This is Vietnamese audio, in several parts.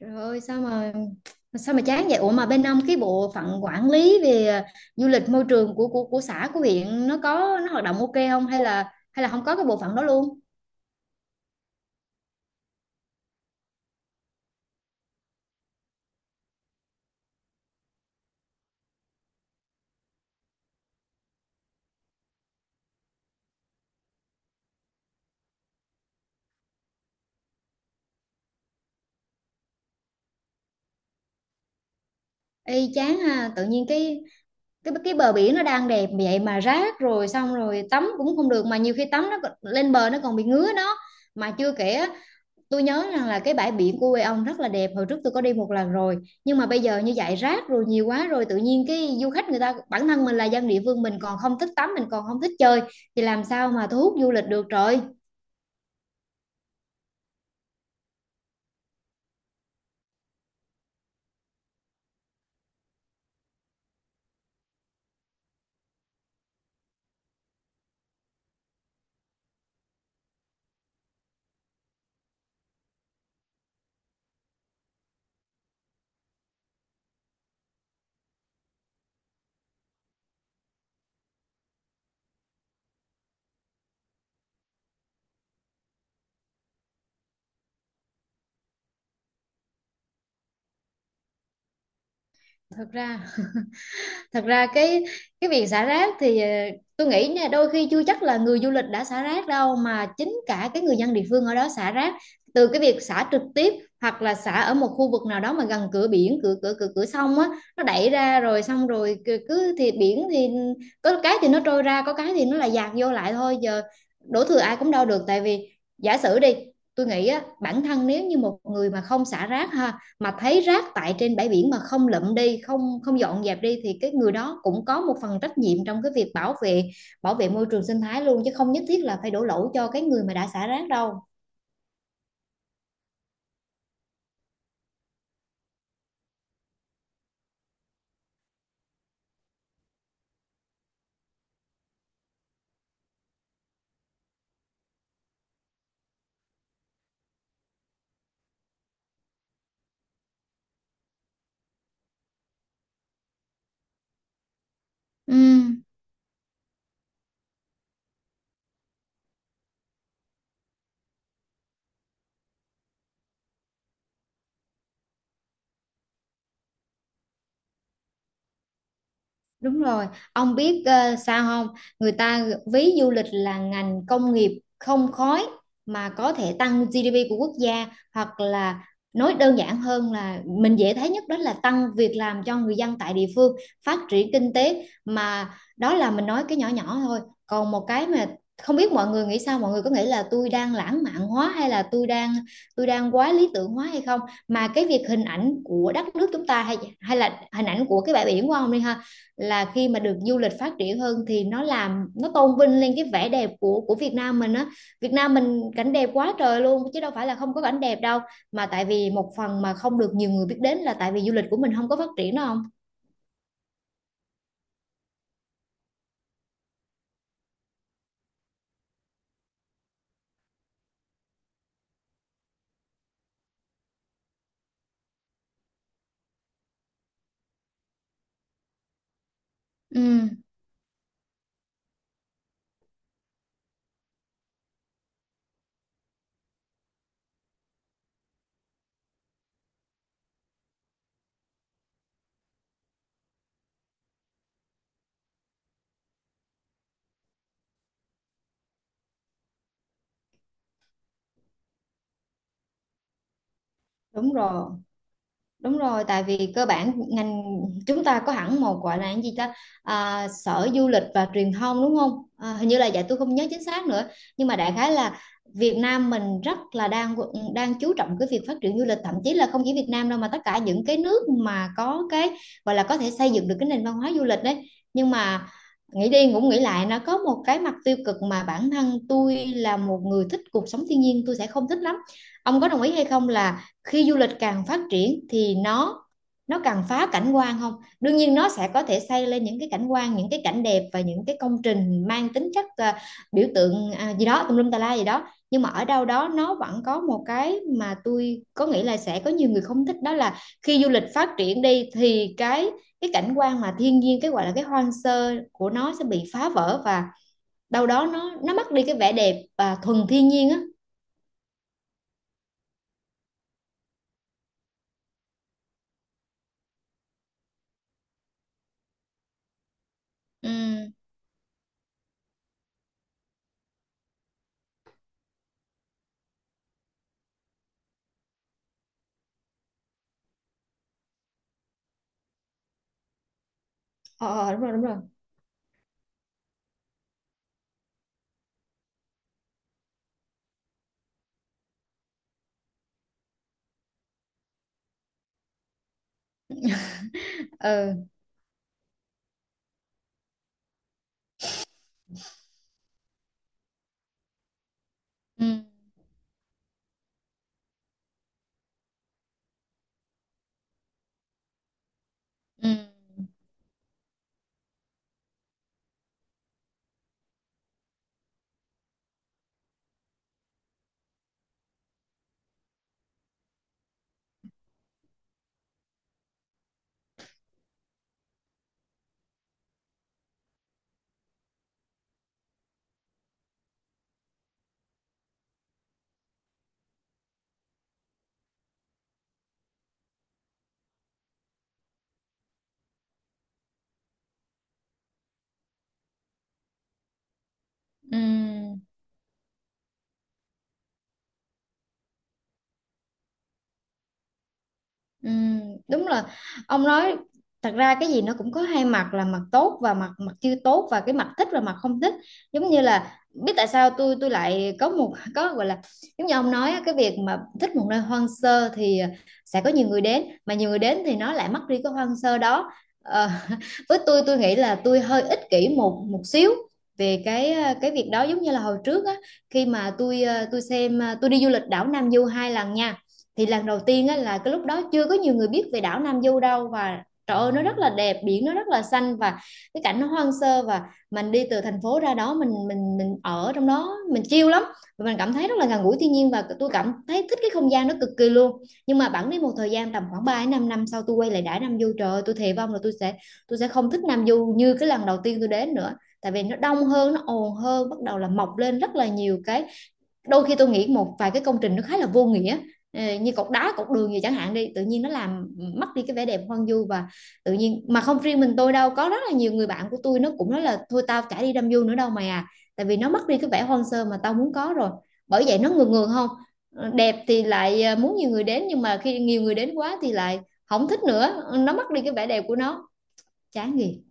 Trời ơi sao mà chán vậy? Ủa mà bên ông cái bộ phận quản lý về du lịch môi trường của xã của huyện nó có hoạt động ok không hay là không có cái bộ phận đó luôn? Ê chán ha, tự nhiên cái bờ biển nó đang đẹp vậy mà rác rồi xong rồi tắm cũng không được, mà nhiều khi tắm nó lên bờ nó còn bị ngứa đó. Mà chưa kể, tôi nhớ rằng là cái bãi biển của quê ông rất là đẹp, hồi trước tôi có đi một lần rồi. Nhưng mà bây giờ như vậy rác rồi nhiều quá rồi, tự nhiên cái du khách người ta, bản thân mình là dân địa phương mình còn không thích tắm, mình còn không thích chơi thì làm sao mà thu hút du lịch được trời. Thật ra thật ra cái việc xả rác thì tôi nghĩ nha, đôi khi chưa chắc là người du lịch đã xả rác đâu, mà chính cả cái người dân địa phương ở đó xả rác, từ cái việc xả trực tiếp hoặc là xả ở một khu vực nào đó mà gần cửa biển cửa cửa cửa cửa sông á, nó đẩy ra rồi xong rồi cứ cứ thì biển thì có cái thì nó trôi ra, có cái thì nó là dạt vô lại thôi, giờ đổ thừa ai cũng đâu được, tại vì giả sử đi, tôi nghĩ á, bản thân nếu như một người mà không xả rác ha, mà thấy rác tại trên bãi biển mà không lượm đi, không không dọn dẹp đi, thì cái người đó cũng có một phần trách nhiệm trong cái việc bảo vệ môi trường sinh thái luôn, chứ không nhất thiết là phải đổ lỗi cho cái người mà đã xả rác đâu. Ừ. Đúng rồi, ông biết sao không? Người ta ví du lịch là ngành công nghiệp không khói mà có thể tăng GDP của quốc gia, hoặc là nói đơn giản hơn là mình dễ thấy nhất đó là tăng việc làm cho người dân tại địa phương, phát triển kinh tế mà. Đó là mình nói cái nhỏ nhỏ thôi. Còn một cái mà không biết mọi người nghĩ sao, mọi người có nghĩ là tôi đang lãng mạn hóa hay là tôi đang quá lý tưởng hóa hay không? Mà cái việc hình ảnh của đất nước chúng ta hay hay là hình ảnh của cái bãi biển của ông đi ha, là khi mà được du lịch phát triển hơn thì nó làm, nó tôn vinh lên cái vẻ đẹp của Việt Nam mình á, Việt Nam mình cảnh đẹp quá trời luôn chứ đâu phải là không có cảnh đẹp đâu, mà tại vì một phần mà không được nhiều người biết đến là tại vì du lịch của mình không có phát triển đâu không. Ừ, đúng rồi. Đúng rồi, tại vì cơ bản ngành chúng ta có hẳn một gọi là cái gì ta, sở du lịch và truyền thông đúng không? À, hình như là vậy, tôi không nhớ chính xác nữa, nhưng mà đại khái là Việt Nam mình rất là đang đang chú trọng cái việc phát triển du lịch, thậm chí là không chỉ Việt Nam đâu mà tất cả những cái nước mà có cái gọi là có thể xây dựng được cái nền văn hóa du lịch đấy. Nhưng mà nghĩ đi cũng nghĩ lại, nó có một cái mặt tiêu cực mà bản thân tôi là một người thích cuộc sống thiên nhiên tôi sẽ không thích lắm. Ông có đồng ý hay không là khi du lịch càng phát triển thì nó càng phá cảnh quan không? Đương nhiên nó sẽ có thể xây lên những cái cảnh quan, những cái cảnh đẹp và những cái công trình mang tính chất biểu tượng gì đó tùm lum tà la gì đó, nhưng mà ở đâu đó nó vẫn có một cái mà tôi có nghĩ là sẽ có nhiều người không thích, đó là khi du lịch phát triển đi thì cái cảnh quan mà thiên nhiên, cái gọi là cái hoang sơ của nó sẽ bị phá vỡ, và đâu đó nó mất đi cái vẻ đẹp và thuần thiên nhiên á. Ừ. Ờ, ờ, đúng rồi, đúng rồi. Ừ. Ừ. Ừ, ừ, ừ. Đúng là ông nói, thật ra cái gì nó cũng có hai mặt, là mặt tốt và mặt mặt chưa tốt, và cái mặt thích và mặt không thích, giống như là, biết tại sao tôi lại có một, có gọi là, giống như ông nói á, cái việc mà thích một nơi hoang sơ thì sẽ có nhiều người đến, mà nhiều người đến thì nó lại mất đi cái hoang sơ đó. Ờ, với tôi nghĩ là tôi hơi ích kỷ một một xíu về cái việc đó, giống như là hồi trước á, khi mà tôi xem, tôi đi du lịch đảo Nam Du hai lần nha, thì lần đầu tiên á, là cái lúc đó chưa có nhiều người biết về đảo Nam Du đâu, và trời ơi nó rất là đẹp, biển nó rất là xanh và cái cảnh nó hoang sơ, và mình đi từ thành phố ra đó, mình ở trong đó mình chill lắm, và mình cảm thấy rất là gần gũi thiên nhiên, và tôi cảm thấy thích cái không gian đó cực kỳ luôn. Nhưng mà bẵng đi một thời gian tầm khoảng 3 đến 5 năm sau tôi quay lại đảo Nam Du, trời ơi tôi thề vong là tôi sẽ không thích Nam Du như cái lần đầu tiên tôi đến nữa, tại vì nó đông hơn, nó ồn hơn, bắt đầu là mọc lên rất là nhiều cái, đôi khi tôi nghĩ một vài cái công trình nó khá là vô nghĩa. Như cột đá cột đường gì chẳng hạn đi, tự nhiên nó làm mất đi cái vẻ đẹp hoang vu và tự nhiên, mà không riêng mình tôi đâu, có rất là nhiều người bạn của tôi nó cũng nói là thôi tao chả đi đâm du nữa đâu mày à, tại vì nó mất đi cái vẻ hoang sơ mà tao muốn có rồi. Bởi vậy nó ngược ngược không? Đẹp thì lại muốn nhiều người đến, nhưng mà khi nhiều người đến quá thì lại không thích nữa. Ờ, nó mất đi cái vẻ đẹp của nó, chán gì.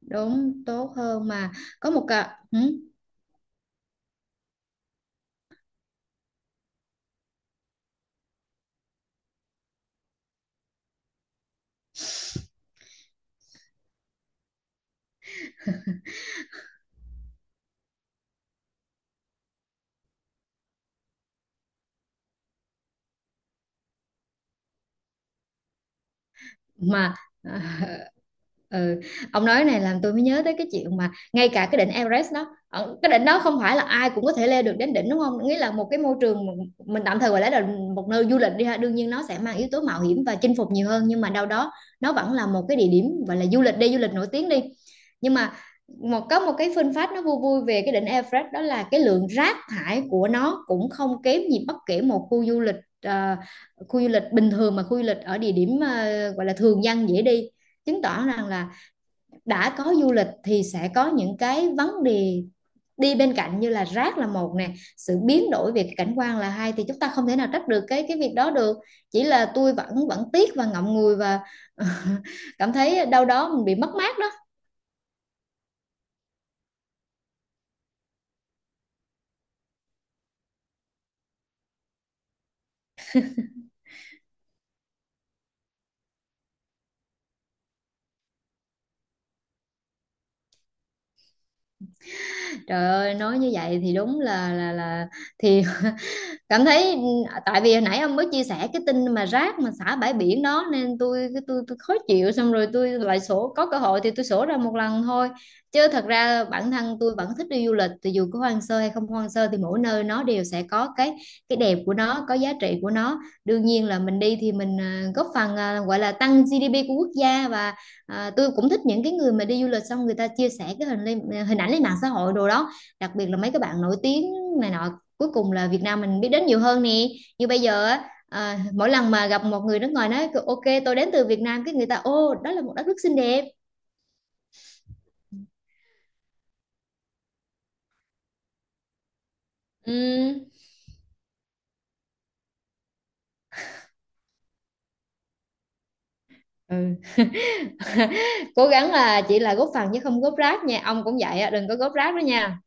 Đúng, tốt hơn mà. Có một cả, mà, à, ừ. Ông nói này làm tôi mới nhớ tới cái chuyện mà ngay cả cái đỉnh Everest đó, cái đỉnh đó không phải là ai cũng có thể leo được đến đỉnh đúng không, nghĩa là một cái môi trường mà mình tạm thời gọi là một nơi du lịch đi ha, đương nhiên nó sẽ mang yếu tố mạo hiểm và chinh phục nhiều hơn, nhưng mà đâu đó nó vẫn là một cái địa điểm gọi là du lịch, đi du lịch nổi tiếng đi, nhưng mà một có một cái fun fact nó vui vui về cái đỉnh Everest, đó là cái lượng rác thải của nó cũng không kém gì bất kể một khu du lịch, ờ, khu du lịch bình thường, mà khu du lịch ở địa điểm gọi là thường dân dễ đi, chứng tỏ rằng là đã có du lịch thì sẽ có những cái vấn đề đi bên cạnh, như là rác là một nè, sự biến đổi về cảnh quan là hai, thì chúng ta không thể nào trách được cái việc đó được, chỉ là tôi vẫn vẫn tiếc và ngậm ngùi và cảm thấy đâu đó mình bị mất mát đó. Trời ơi nói như vậy thì đúng là thì cảm thấy, tại vì hồi nãy ông mới chia sẻ cái tin mà rác mà xả bãi biển đó nên tôi cái tôi khó chịu, xong rồi tôi lại sổ, có cơ hội thì tôi sổ ra một lần thôi, chứ thật ra bản thân tôi vẫn thích đi du lịch, thì dù có hoang sơ hay không hoang sơ thì mỗi nơi nó đều sẽ có cái đẹp của nó, có giá trị của nó, đương nhiên là mình đi thì mình góp phần, gọi là tăng GDP của quốc gia, và tôi cũng thích những cái người mà đi du lịch xong người ta chia sẻ cái hình lên, hình ảnh lên mạng xã hội đồ đó, đặc biệt là mấy cái bạn nổi tiếng này nọ, cuối cùng là Việt Nam mình biết đến nhiều hơn nè, như bây giờ á, mỗi lần mà gặp một người nước ngoài nói Ok, tôi đến từ Việt Nam," cái người ta, ô đó là một đất nước xinh đẹp. Ừm. Ừ. Cố gắng là chỉ là góp phần chứ không góp rác nha, ông cũng vậy á, đừng có góp rác đó nha.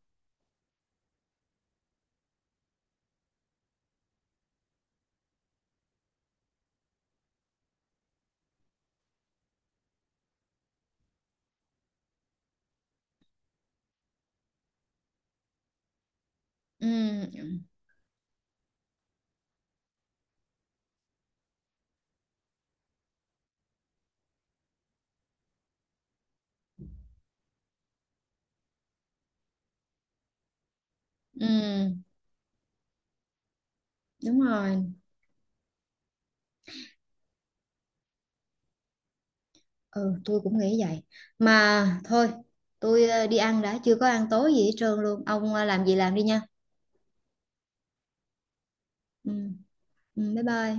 Ừm, ừm, đúng rồi. Ừ, tôi cũng nghĩ vậy. Mà thôi, tôi đi ăn đã, chưa có ăn tối gì hết trơn luôn, ông làm gì làm đi nha. Ừm, bye bye.